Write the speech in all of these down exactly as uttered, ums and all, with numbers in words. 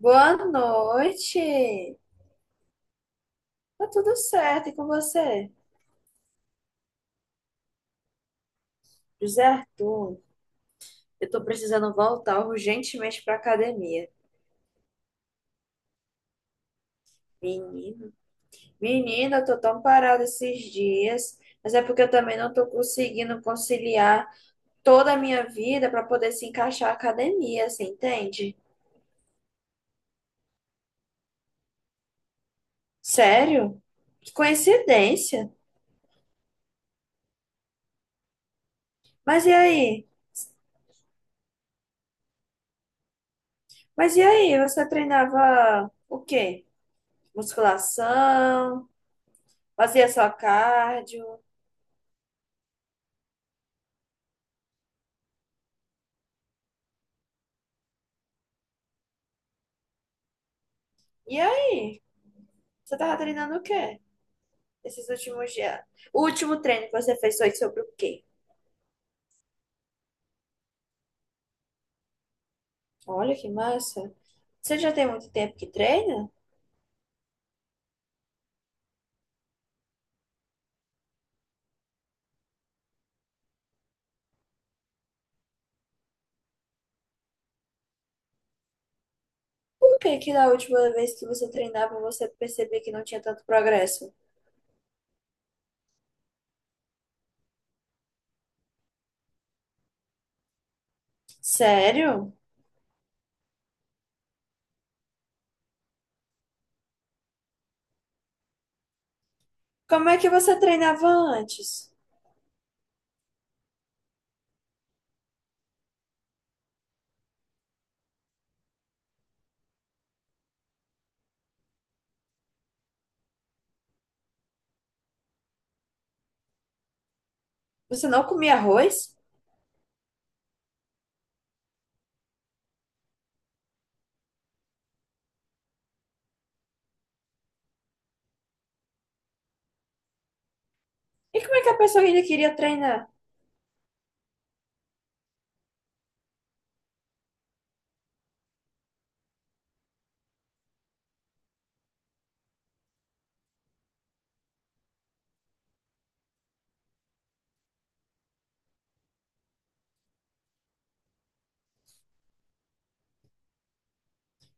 Boa noite. Tá tudo certo, e com você? José Arthur, eu tô precisando voltar urgentemente pra academia. Menino, menina, eu tô tão parada esses dias, mas é porque eu também não tô conseguindo conciliar toda a minha vida pra poder se encaixar a academia, você entende? Sério? Que coincidência. Mas e aí? Mas e aí? Você treinava o quê? Musculação? Fazia só cardio? E aí? Você tava treinando o quê esses últimos dias? O último treino que você fez foi sobre o quê? Olha que massa. Você já tem muito tempo que treina? Por que que da última vez que você treinava você percebia que não tinha tanto progresso? Sério? Como é que você treinava antes? Você não comia arroz? E como é que a pessoa ainda queria treinar?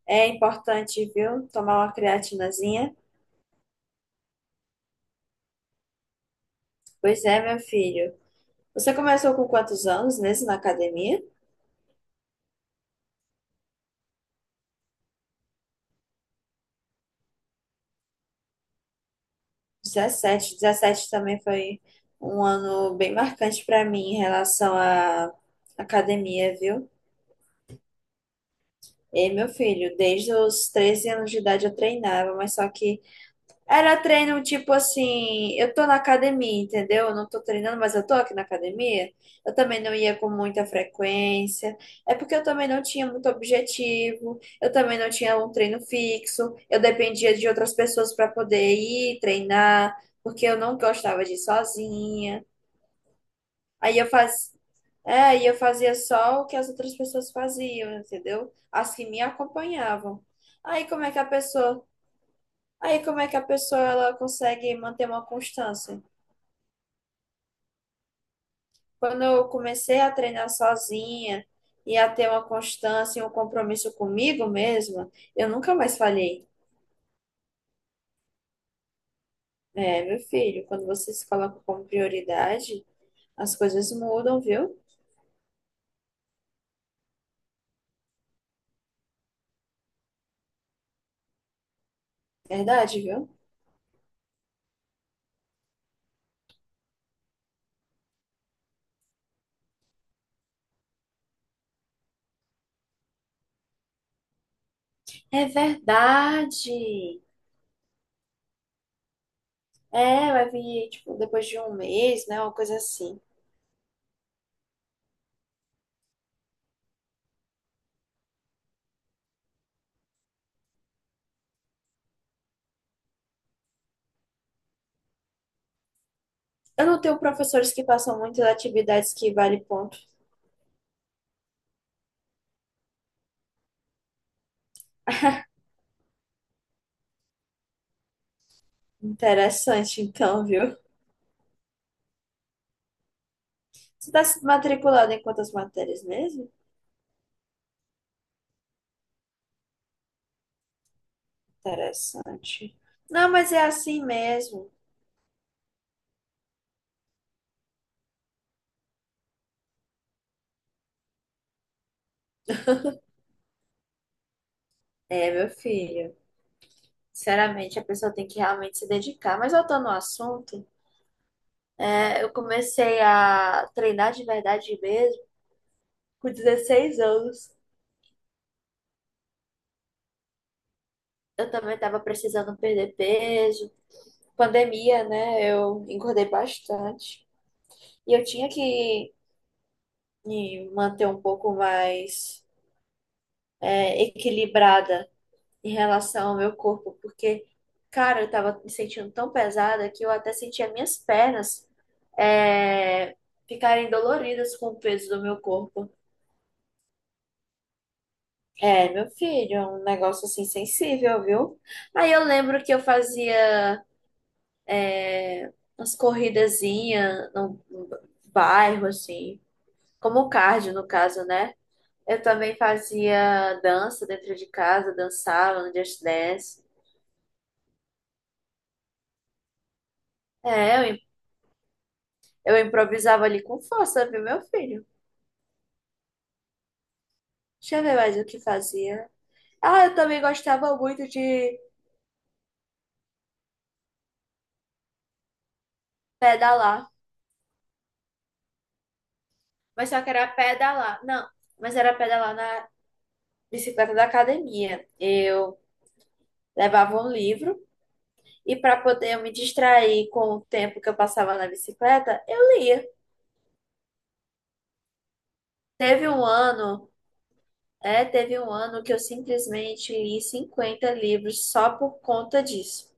É importante, viu? Tomar uma creatinazinha. Pois é, meu filho. Você começou com quantos anos mesmo na academia? dezessete, dezessete também foi um ano bem marcante para mim em relação à academia, viu? E meu filho, desde os treze anos de idade eu treinava, mas só que era treino tipo assim, eu tô na academia, entendeu? Eu não tô treinando, mas eu tô aqui na academia. Eu também não ia com muita frequência. É porque eu também não tinha muito objetivo. Eu também não tinha um treino fixo. Eu dependia de outras pessoas para poder ir treinar, porque eu não gostava de ir sozinha. Aí eu faz... é, Aí eu fazia só o que as outras pessoas faziam, entendeu? As que me acompanhavam. Aí como é que a pessoa Aí como é que a pessoa ela consegue manter uma constância? Quando eu comecei a treinar sozinha e a ter uma constância e um compromisso comigo mesma, eu nunca mais falhei. É, meu filho, quando você se coloca como prioridade, as coisas mudam, viu? Verdade, viu? É verdade. É, vai vir, tipo, depois de um mês, né? Uma coisa assim. Eu não tenho professores que passam muitas atividades que vale ponto. Interessante, então, viu? Você está matriculado em quantas matérias mesmo? Interessante. Não, mas é assim mesmo. É, meu filho. Sinceramente, a pessoa tem que realmente se dedicar. Mas voltando ao assunto, é, eu comecei a treinar de verdade mesmo com dezesseis anos. Eu também estava precisando perder peso. Pandemia, né? Eu engordei bastante. E eu tinha que me manter um pouco mais é, equilibrada em relação ao meu corpo, porque, cara, eu tava me sentindo tão pesada que eu até sentia minhas pernas é, ficarem doloridas com o peso do meu corpo. É, meu filho, é um negócio assim sensível, viu? Aí eu lembro que eu fazia umas corridazinhas no, no bairro, assim, como cardio, no caso, né? Eu também fazia dança dentro de casa, dançava no Just Dance. É, eu, eu improvisava ali com força, viu, meu filho? Deixa eu ver mais o que fazia. Ah, eu também gostava muito de pedalar, mas só que era pedalar. Não, mas era pedalar na bicicleta da academia. Eu levava um livro e para poder eu me distrair com o tempo que eu passava na bicicleta, eu lia. Teve um ano, é, teve um ano que eu simplesmente li cinquenta livros só por conta disso.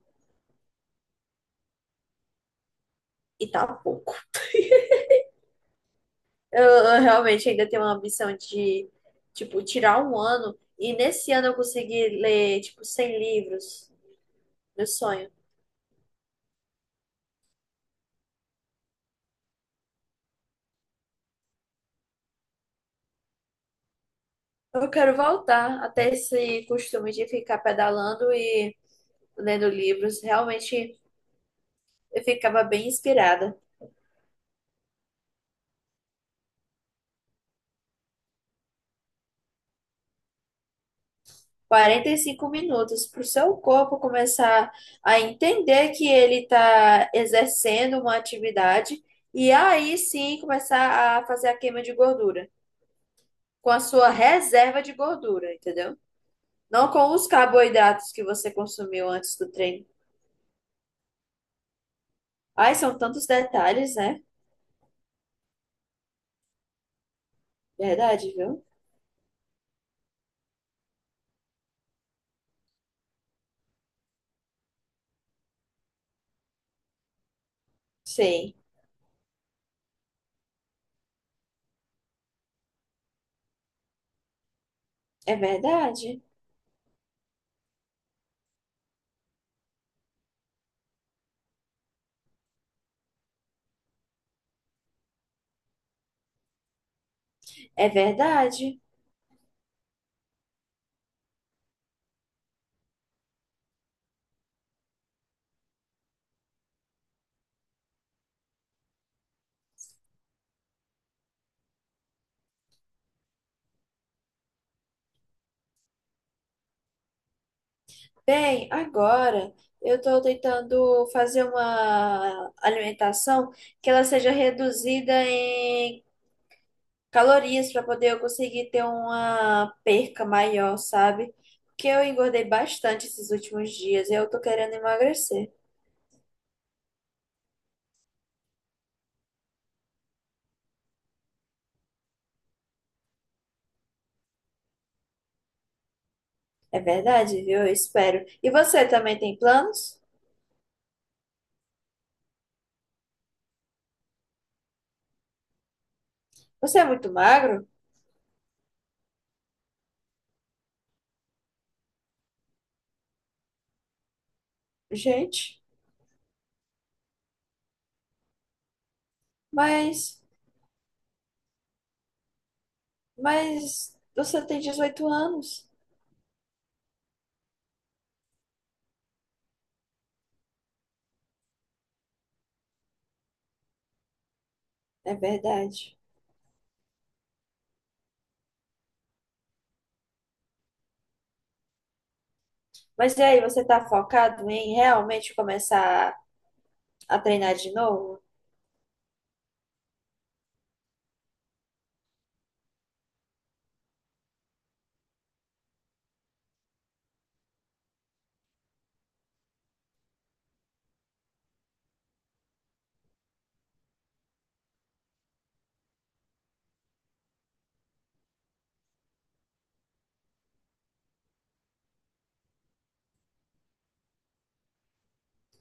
E tá pouco. Eu, eu realmente ainda tenho uma ambição de, tipo, tirar um ano e nesse ano eu conseguir ler, tipo, cem livros. Meu sonho. Eu quero voltar até esse costume de ficar pedalando e lendo livros. Realmente eu ficava bem inspirada. Quarenta e cinco minutos para o seu corpo começar a entender que ele está exercendo uma atividade e aí sim começar a fazer a queima de gordura com a sua reserva de gordura, entendeu? Não com os carboidratos que você consumiu antes do treino. Ai, são tantos detalhes, né? Verdade, viu? Sim, é verdade. É verdade. Bem, agora eu estou tentando fazer uma alimentação que ela seja reduzida em calorias para poder eu conseguir ter uma perca maior, sabe? Porque eu engordei bastante esses últimos dias e eu tô querendo emagrecer. É verdade, viu? Eu espero. E você também tem planos? Você é muito magro? Gente, mas, mas você tem dezoito anos. É verdade. Mas e aí, você tá focado em realmente começar a treinar de novo?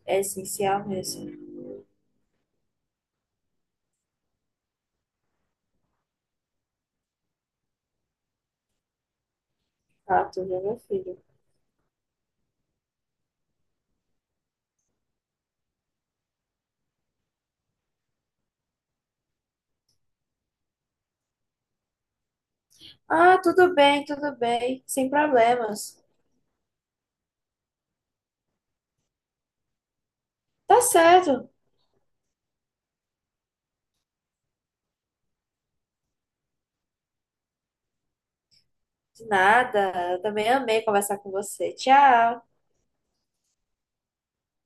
É essencial mesmo. Ah, tudo bem, meu filho. Ah, tudo bem, tudo bem, sem problemas. Tá certo. De nada. Eu também amei conversar com você. Tchau.